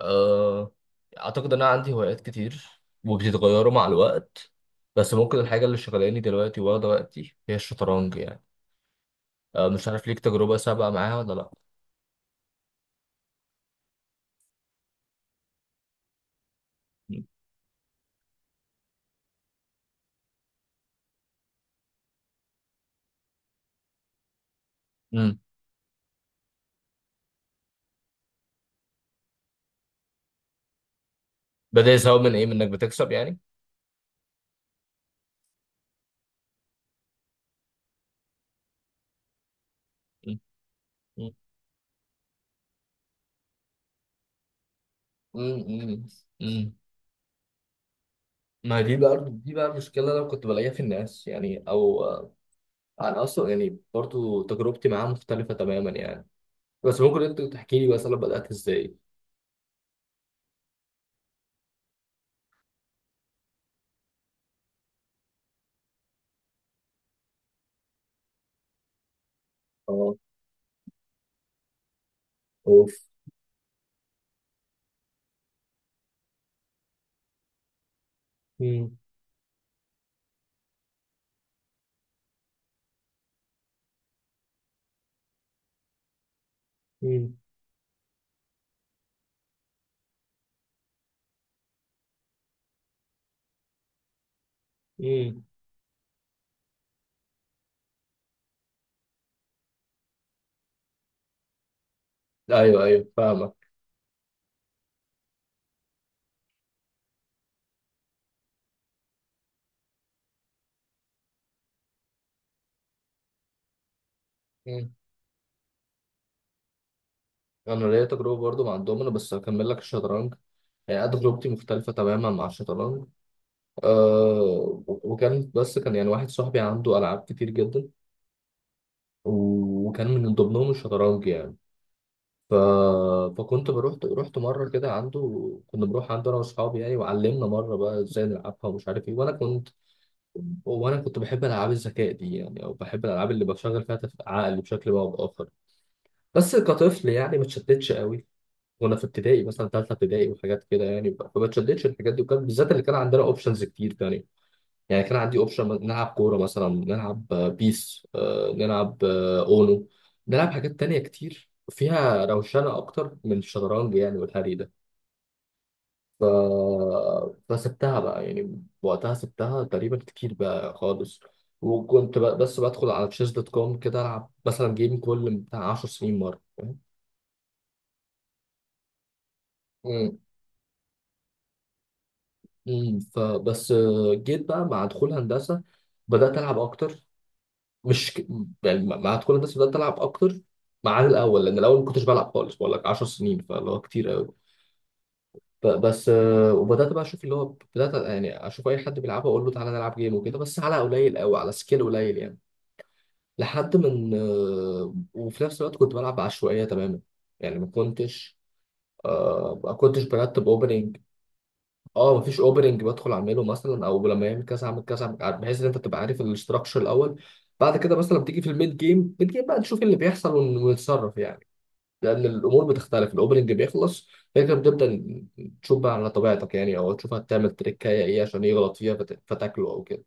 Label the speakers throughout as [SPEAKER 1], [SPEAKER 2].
[SPEAKER 1] أه أعتقد إن أنا عندي هوايات كتير، وبتتغيروا مع الوقت. بس ممكن الحاجة اللي شغلاني دلوقتي واخدة وقتي هي الشطرنج يعني. مش عارف ليك تجربة سابقة معاها ولا لأ. امم. بدأ يساوي من إيه، من إنك بتكسب يعني؟ مم. مم. مم. مم. ما دي بقى المشكلة اللي أنا كنت بلاقيها في الناس يعني، أو أنا أصلا يعني برضو تجربتي معاها مختلفة تماما يعني. بس ممكن أنت تحكي لي مثلا بدأت إزاي؟ اه. اوف. مم. مم. مم. ايوه ايوه فاهمك. مم. انا ليا تجربه برضو مع الدومينو، بس هكمل لك الشطرنج. يعني أنا تجربتي مختلفه تماما مع الشطرنج. أه، وكان بس كان يعني واحد صاحبي عنده العاب كتير جدا، وكان من ضمنهم الشطرنج يعني. ف... فكنت بروح رحت مره كده عنده. كنا بنروح عنده انا واصحابي يعني، وعلمنا مره بقى ازاي نلعبها ومش عارف ايه. وانا كنت بحب العاب الذكاء دي، يعني او بحب الالعاب اللي بشغل فيها عقلي بشكل ما او باخر. بس كطفل يعني ما اتشتتش قوي. وانا في ابتدائي مثلا ثالثه ابتدائي وحاجات كده يعني، فما اتشدتش الحاجات دي. وكان بالذات اللي كان عندنا اوبشنز كتير تاني. يعني كان عندي اوبشن نلعب كوره مثلا، نلعب بيس، نلعب اونو، نلعب حاجات تانية كتير فيها روشنه اكتر من الشطرنج يعني والهري ده. ف... فسبتها بقى يعني، وقتها سبتها تقريبا كتير بقى خالص. وكنت بقى بس بدخل على تشيز دوت كوم كده العب مثلا جيم كل بتاع 10 سنين مره. مم. فبس آه، جيت بقى مع دخول هندسه، بدات العب اكتر. مش ك... يعني مع دخول هندسه بدات العب اكتر، ما عن الاول، لان الاول ما كنتش بلعب خالص، بقول لك 10 سنين، فاللي هو كتير قوي. بس وبدات بقى اشوف اللي هو، بدات يعني اشوف اي حد بيلعبها اقول له تعالى نلعب جيم وكده، بس على قليل قوي، على سكيل قليل يعني. لحد من وفي نفس الوقت كنت بلعب بعشوائيه تماما. يعني ما كنتش ما كنتش برتب اوبننج. اه، مفيش اوبننج بدخل اعمله مثلا، او لما يعمل كذا اعمل كذا أعمل كذا، بحيث ان انت تبقى عارف الاستراكشر الاول. بعد كده مثلا بتيجي في الميد جيم بقى، نشوف إيه اللي بيحصل ونتصرف يعني. لان الامور بتختلف، الاوبننج بيخلص، فكرة بتبدا، تشوف بقى على طبيعتك يعني، او تشوف هتعمل تريكايه ايه عشان يغلط فيها فتاكله او كده.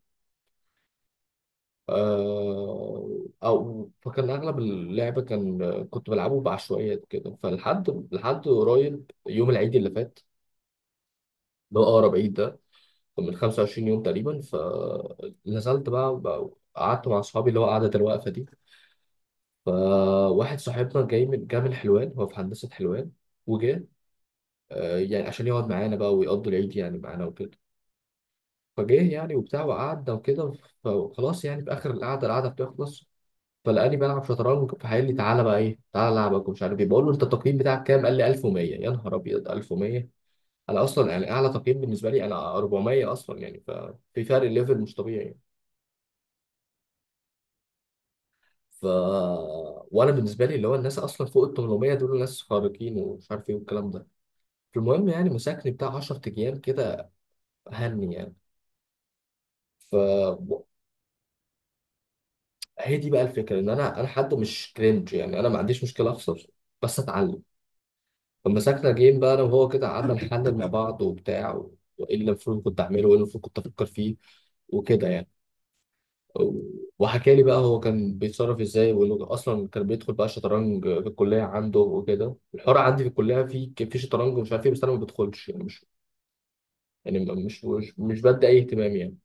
[SPEAKER 1] او فكان اغلب اللعب كان، كنت بلعبه بعشوائيات كده، فلحد قريب يوم العيد اللي فات، اللي هو اقرب عيد ده، من 25 يوم تقريبا. فنزلت بقى، قعدت مع اصحابي اللي هو قعدة الوقفة دي. فواحد صاحبنا جاي من حلوان، هو في هندسة حلوان، وجه يعني عشان يقعد معانا بقى، ويقضي العيد يعني معانا وكده. فجه يعني وبتاع وقعدنا وكده. فخلاص يعني في اخر القعدة، القعدة بتخلص، فلقاني بلعب شطرنج. فقال لي: تعالى بقى ايه، تعالى العبك ومش عارف ايه. بقول له: انت التقييم بتاعك كام؟ قال لي: 1100. يا نهار ابيض، 1100! انا اصلا يعني اعلى تقييم بالنسبه لي انا 400 اصلا، يعني ففي فرق ليفل مش طبيعي. ف وانا بالنسبه لي اللي هو الناس اصلا فوق ال 800 دول ناس خارقين ومش عارف ايه والكلام ده. فالمهم يعني مساكني بتاع 10 ايام كده، هني يعني. ف هي دي بقى الفكره، ان انا حد مش كرنج يعني، انا ما عنديش مشكله اخسر بس اتعلم. فمساكنا جيم بقى انا وهو كده، قعدنا نحلل مع بعض وبتاع، وايه اللي المفروض كنت اعمله وايه اللي المفروض كنت افكر فيه، وكده يعني. وحكى لي بقى هو كان بيتصرف ازاي، وانه اصلا كان بيدخل بقى شطرنج في الكليه عنده وكده. الحوار عندي في الكليه، في شطرنج ومش عارف ايه، بس انا ما بدخلش يعني مش، يعني مش بدي اي اهتمام يعني.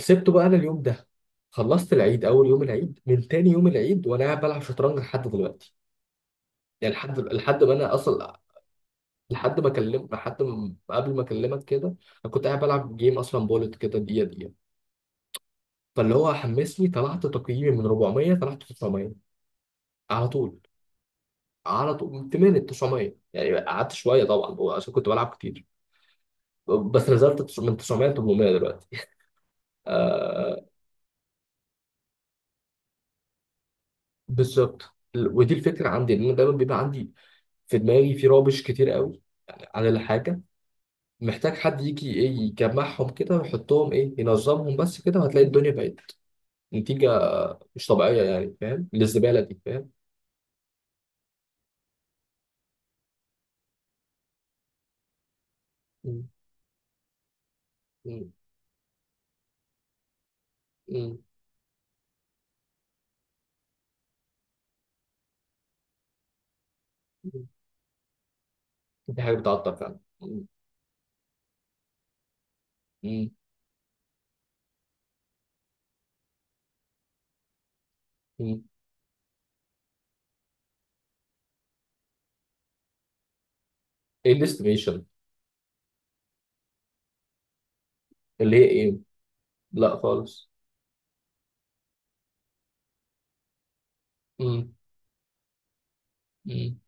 [SPEAKER 1] سبته بقى انا اليوم ده. خلصت العيد، اول يوم العيد من تاني يوم العيد وانا قاعد بلعب شطرنج لحد دلوقتي، يعني لحد ما انا اصلا، لحد ما قبل ما اكلمك كده، انا كنت قاعد بلعب جيم اصلا، بولت كده دقيقه دقيقه. فاللي هو حمسني، طلعت تقييمي من 400 طلعت 900 على طول. على طول من 8 ل 900 يعني، قعدت شويه طبعا عشان كنت بلعب كتير. بس نزلت من 900 ل 800 دلوقتي. آه، بالظبط. ودي الفكره عندي ان انا دايما بيبقى عندي في دماغي في رابش كتير قوي عن الحاجه. محتاج حد يجي ايه يجمعهم كده ويحطهم ايه ينظمهم بس كده، وهتلاقي الدنيا بقت نتيجه مش طبيعيه يعني، فاهم؟ للزباله دي، فاهم؟ مم. مم. مم. مم. دي حاجه بتعطل فعلا. مم. مم. مم. ايه الاستيميشن؟ اللي هي ايه؟ لا خالص. مم. مم.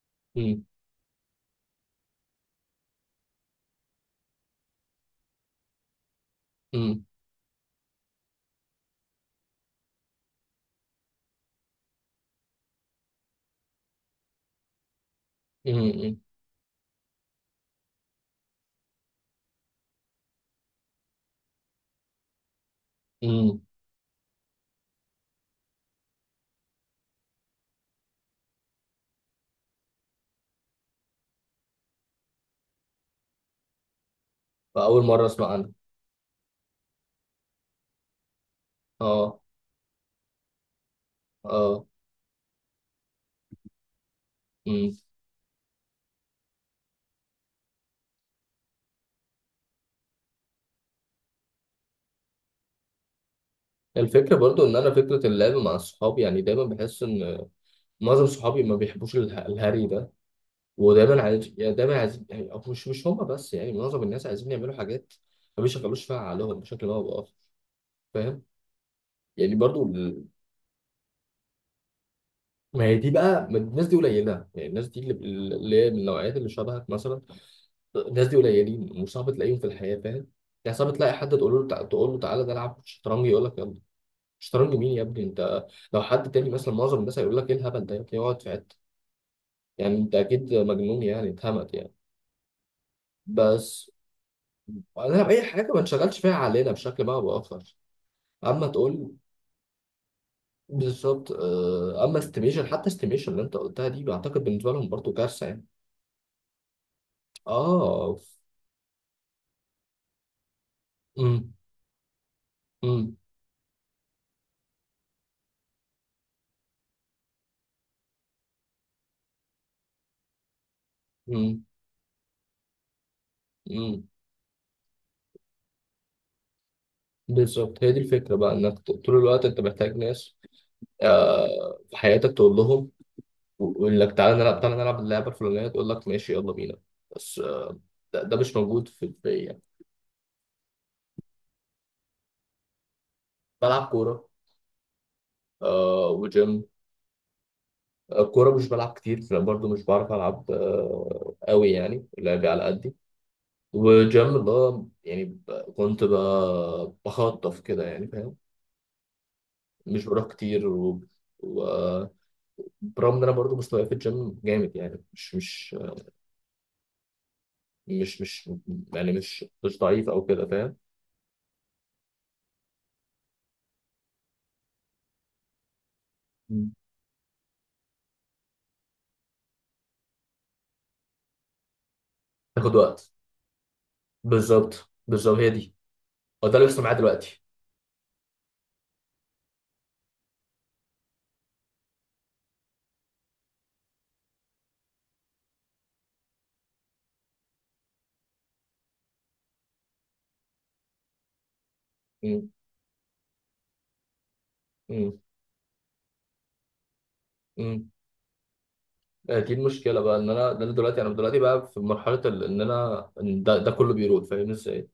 [SPEAKER 1] うんうんうんうんうんうんうんうんうんأول مرة أسمع عنها. أه. أه. مم. الفكرة برضو إن أنا، فكرة اللعب مع صحابي، يعني دايما بحس إن معظم صحابي ما بيحبوش الهري ده. ودايما عايز يعني أو مش هما بس، يعني معظم الناس عايزين يعملوا حاجات ما بيشغلوش فيها عقلهم بشكل ما أو بآخر، فاهم؟ يعني برضو، ما هي دي بقى، ما الناس دي قليله يعني. الناس دي اللي، اللي هي من النوعيات اللي شبهك مثلا، الناس دي قليلين، وصعب تلاقيهم في الحياه، فاهم؟ يعني صعب تلاقي حد تقول له تعالى نلعب شطرنج يقول لك: يلا، شطرنج مين يا ابني انت؟ لو حد تاني مثلا معظم الناس هيقول لك: ايه الهبل ده يا ابني؟ اقعد في حته. يعني انت اكيد مجنون، يعني اتهمت يعني. بس انا اي حاجه ما نشغلش فيها علينا بشكل ما او باخر، اما تقول، بالظبط. اما استيميشن، حتى استيميشن اللي انت قلتها دي بعتقد بالنسبه لهم برضو كارثه يعني. اه. امم. امم. امم. امم. بالظبط، هي دي الفكره بقى، انك طول الوقت انت محتاج ناس في حياتك تقول لهم، ويقول لك: تعالى نلعب اللعبه الفلانيه. تقول لك: ماشي، يلا بينا. بس ده مش موجود في البيئه يعني. بلعب كوره. آه، وجيم. آه، كوره مش بلعب كتير لأن برضو مش بعرف العب قوي، يعني لعبي على قدي. وجيم اللي هو يعني، كنت بخطف كده يعني، فاهم؟ مش بروح كتير. و... برغم ان انا برضو مستواي في الجيم جامد، يعني مش مش مش مش يعني مش مش ضعيف او كده، فاهم؟ مم. تاخد وقت. بالظبط بالظبط، هي دي، هو ده اللي بيحصل معايا دلوقتي. مم. مم. مم. دي المشكله بقى، ان انا ده، انا دلوقتي بقى في مرحله ان انا إن ده كله بيروح، فاهم ازاي.